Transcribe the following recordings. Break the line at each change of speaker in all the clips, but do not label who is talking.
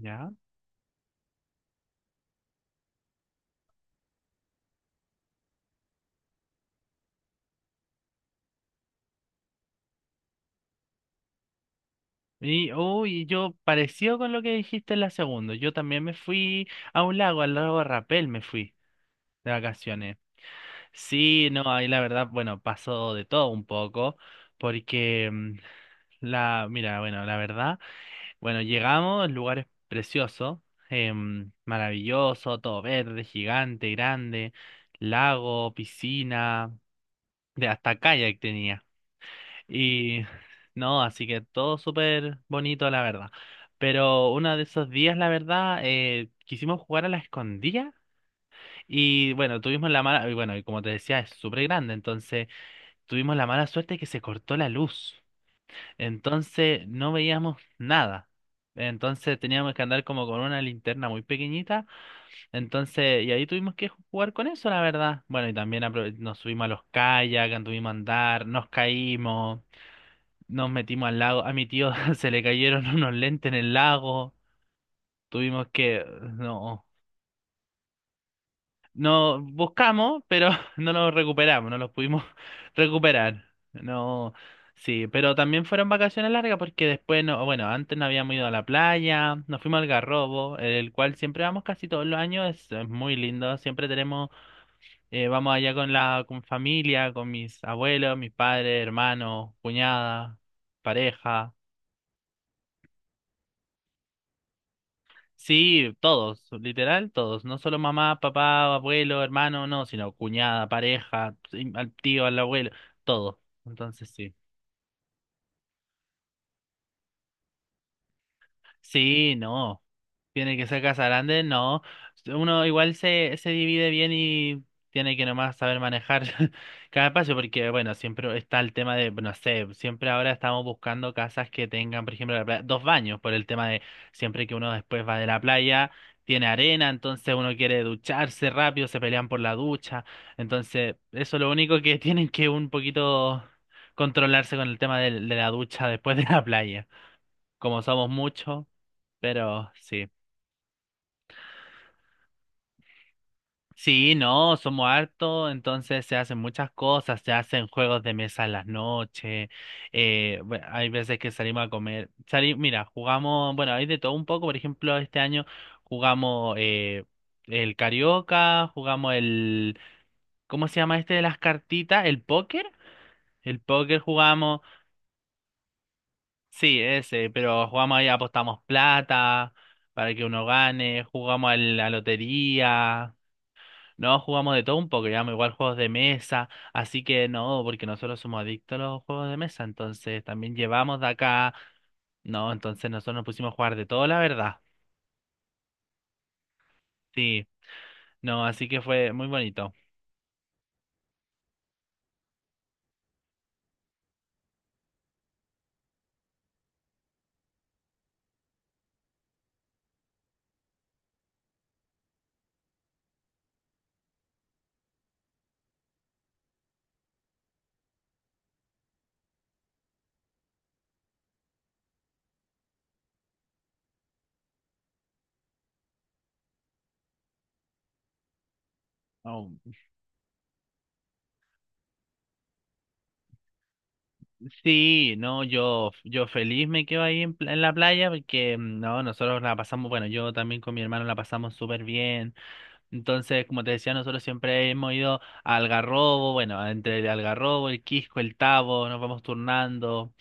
Ya. Uy, yo parecido con lo que dijiste en la segunda. Yo también me fui a un lago, al lago Rapel me fui de vacaciones. Sí, no, ahí la verdad, bueno, pasó de todo un poco, porque mira, bueno, la verdad, bueno, llegamos, el lugar es precioso, maravilloso, todo verde, gigante, grande, lago, piscina, de hasta kayak tenía. Y no, así que todo súper bonito, la verdad. Pero uno de esos días, la verdad, quisimos jugar a la escondida y bueno, tuvimos la mala, y bueno, y como te decía, es súper grande, entonces tuvimos la mala suerte que se cortó la luz. Entonces no veíamos nada. Entonces teníamos que andar como con una linterna muy pequeñita. Entonces, y ahí tuvimos que jugar con eso, la verdad. Bueno, y también nos subimos a los kayak, anduvimos a andar, nos caímos. Nos metimos al lago. A mi tío se le cayeron unos lentes en el lago. Tuvimos que... No. No buscamos, pero no los recuperamos, no los pudimos recuperar. No. Sí, pero también fueron vacaciones largas porque después no, bueno, antes no habíamos ido a la playa, nos fuimos al Garrobo, el cual siempre vamos casi todos los años, es muy lindo, siempre tenemos, vamos allá con con familia, con mis abuelos, mis padres, hermanos, cuñada, pareja. Sí, todos, literal, todos, no solo mamá, papá, abuelo, hermano, no, sino cuñada, pareja, sí, al tío, al abuelo, todo. Entonces, sí. Sí, no. Tiene que ser casa grande, no. Uno igual se divide bien y tiene que nomás saber manejar cada espacio, porque bueno, siempre está el tema de, no sé, siempre ahora estamos buscando casas que tengan, por ejemplo, dos baños, por el tema de siempre que uno después va de la playa, tiene arena, entonces uno quiere ducharse rápido, se pelean por la ducha. Entonces, eso es lo único que tienen que un poquito controlarse con el tema de la ducha después de la playa. Como somos muchos. Pero sí. Sí, no, somos hartos, entonces se hacen muchas cosas, se hacen juegos de mesa en las noches, hay veces que salimos a comer, mira, jugamos, bueno, hay de todo un poco, por ejemplo, este año jugamos el carioca, jugamos el, ¿cómo se llama este de las cartitas? ¿El póker? El póker jugamos, sí, ese, pero jugamos ahí, apostamos plata para que uno gane, jugamos a la lotería. No, jugamos de todo un poco, llevamos igual juegos de mesa, así que no, porque nosotros somos adictos a los juegos de mesa, entonces también llevamos de acá, no, entonces nosotros nos pusimos a jugar de todo, la verdad, sí, no, así que fue muy bonito. Oh, sí, no, yo feliz me quedo ahí en, en la playa porque no, nosotros la pasamos, bueno, yo también con mi hermano la pasamos súper bien. Entonces, como te decía, nosotros siempre hemos ido a Algarrobo, bueno, entre el Algarrobo, el Quisco, el Tabo, nos vamos turnando.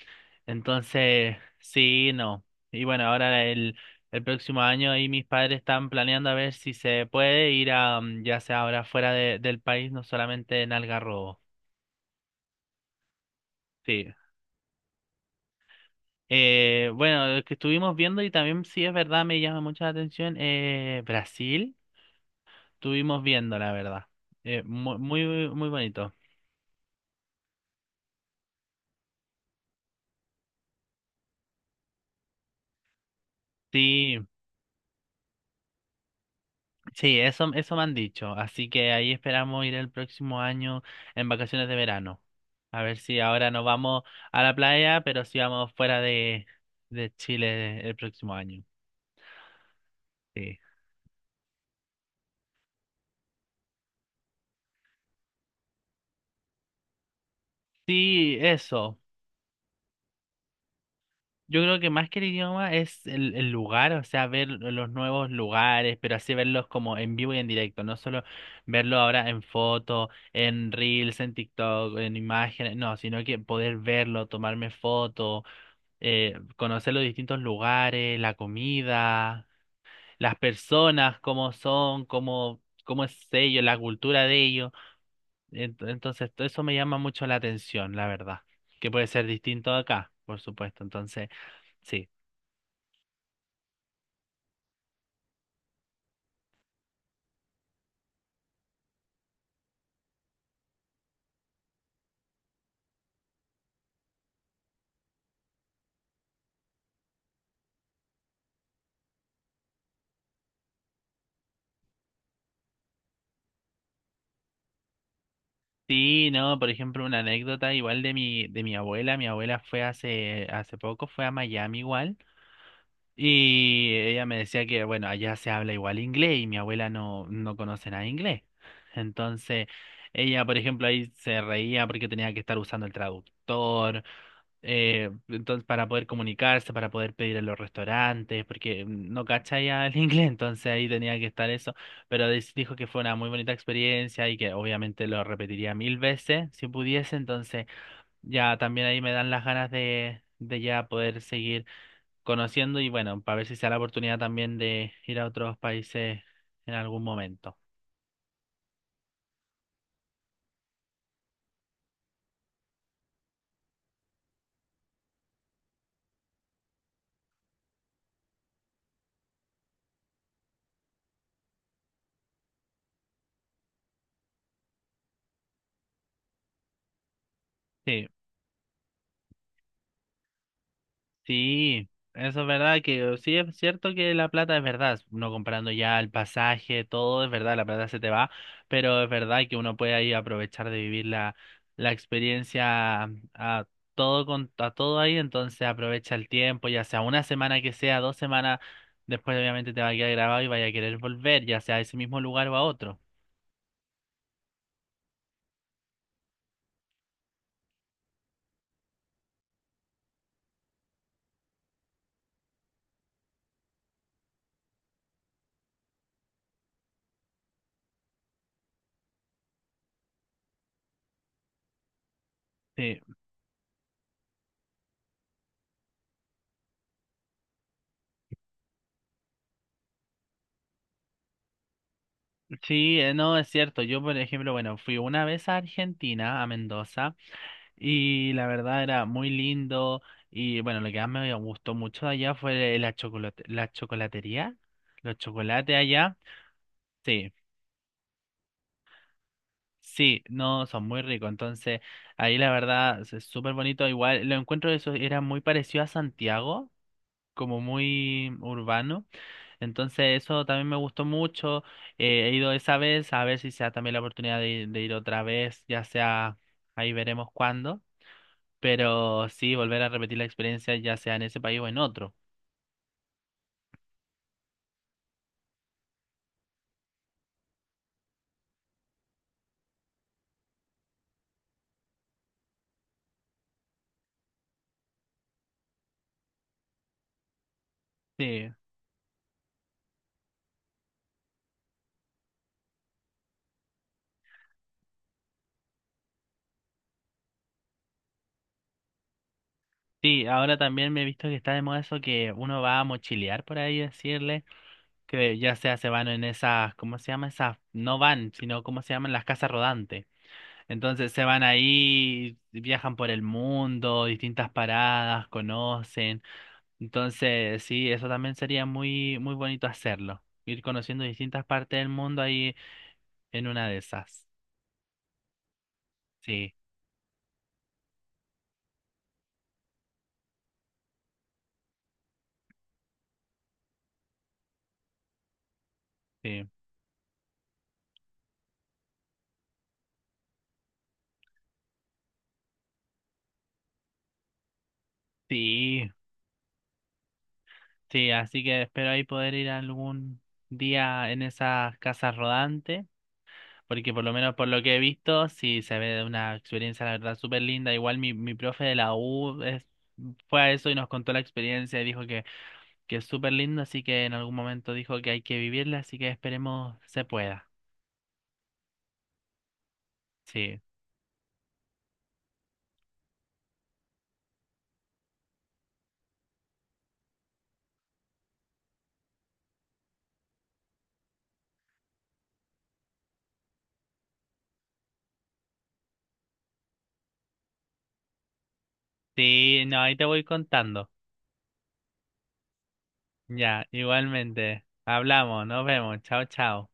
Entonces, sí, no. Y bueno, ahora el próximo año ahí mis padres están planeando a ver si se puede ir a, ya sea ahora fuera del país, no solamente en Algarrobo. Sí. Bueno, lo que estuvimos viendo y también sí es verdad, me llama mucho la atención, Brasil, estuvimos viendo, la verdad. Muy, muy, bonito. Sí. Sí, eso me han dicho. Así que ahí esperamos ir el próximo año en vacaciones de verano. A ver si ahora no vamos a la playa, pero si vamos fuera de Chile el próximo año. Sí. Sí, eso. Yo creo que más que el idioma es el lugar, o sea, ver los nuevos lugares, pero así verlos como en vivo y en directo, no solo verlo ahora en foto, en reels, en TikTok, en imágenes, no, sino que poder verlo, tomarme fotos conocer los distintos lugares, la comida, las personas, cómo son, cómo es ellos, la cultura de ellos. Entonces, todo eso me llama mucho la atención, la verdad, que puede ser distinto de acá, por supuesto. Entonces, sí. Sí, no, por ejemplo, una anécdota igual de de mi abuela. Mi abuela fue hace poco, fue a Miami igual. Y ella me decía que, bueno, allá se habla igual inglés y mi abuela no, no conoce nada de inglés. Entonces, ella, por ejemplo, ahí se reía porque tenía que estar usando el traductor, entonces, para poder comunicarse, para poder pedir en los restaurantes, porque no cacha ya el inglés, entonces ahí tenía que estar eso. Pero dijo que fue una muy bonita experiencia y que obviamente lo repetiría mil veces si pudiese. Entonces, ya también ahí me dan las ganas de ya poder seguir conociendo y bueno, para ver si se da la oportunidad también de ir a otros países en algún momento. Sí, sí, eso es verdad que sí es cierto que la plata es verdad, uno comprando ya el pasaje, todo es verdad, la plata se te va, pero es verdad que uno puede ahí aprovechar de vivir la experiencia a todo a todo ahí, entonces aprovecha el tiempo, ya sea una semana que sea, 2 semanas, después obviamente te va a quedar grabado y vaya a querer volver, ya sea a ese mismo lugar o a otro. Sí. Sí, no, es cierto. Yo, por ejemplo, bueno, fui una vez a Argentina, a Mendoza, y la verdad era muy lindo. Y bueno, lo que más me gustó mucho de allá fue la chocolate, la chocolatería, los chocolates allá. Sí, sí, no, son muy ricos. Entonces, ahí la verdad es súper bonito. Igual, lo encuentro de eso era muy parecido a Santiago, como muy urbano. Entonces eso también me gustó mucho. He ido esa vez, a ver si sea también la oportunidad de ir otra vez, ya sea, ahí veremos cuándo, pero sí, volver a repetir la experiencia, ya sea en ese país o en otro. Sí, sí, ahora también me he visto que está de moda eso que uno va a mochilear por ahí, decirle, que ya sea se van en esas, ¿cómo se llama? Esas, no van, sino ¿cómo se llaman? Las casas rodantes. Entonces se van ahí, viajan por el mundo, distintas paradas, conocen. Entonces, sí, eso también sería muy, muy bonito hacerlo. Ir conociendo distintas partes del mundo ahí en una de esas. Sí, sí, sí, sí. Así que espero ahí poder ir algún día en esas casas rodantes. Porque por lo menos por lo que he visto, sí se ve una experiencia, la verdad, súper linda. Igual mi profe de la U fue a eso y nos contó la experiencia y dijo que es súper lindo. Así que en algún momento dijo que hay que vivirla. Así que esperemos se pueda. Sí. Sí, no, ahí te voy contando. Ya, igualmente. Hablamos, nos vemos. Chao, chao.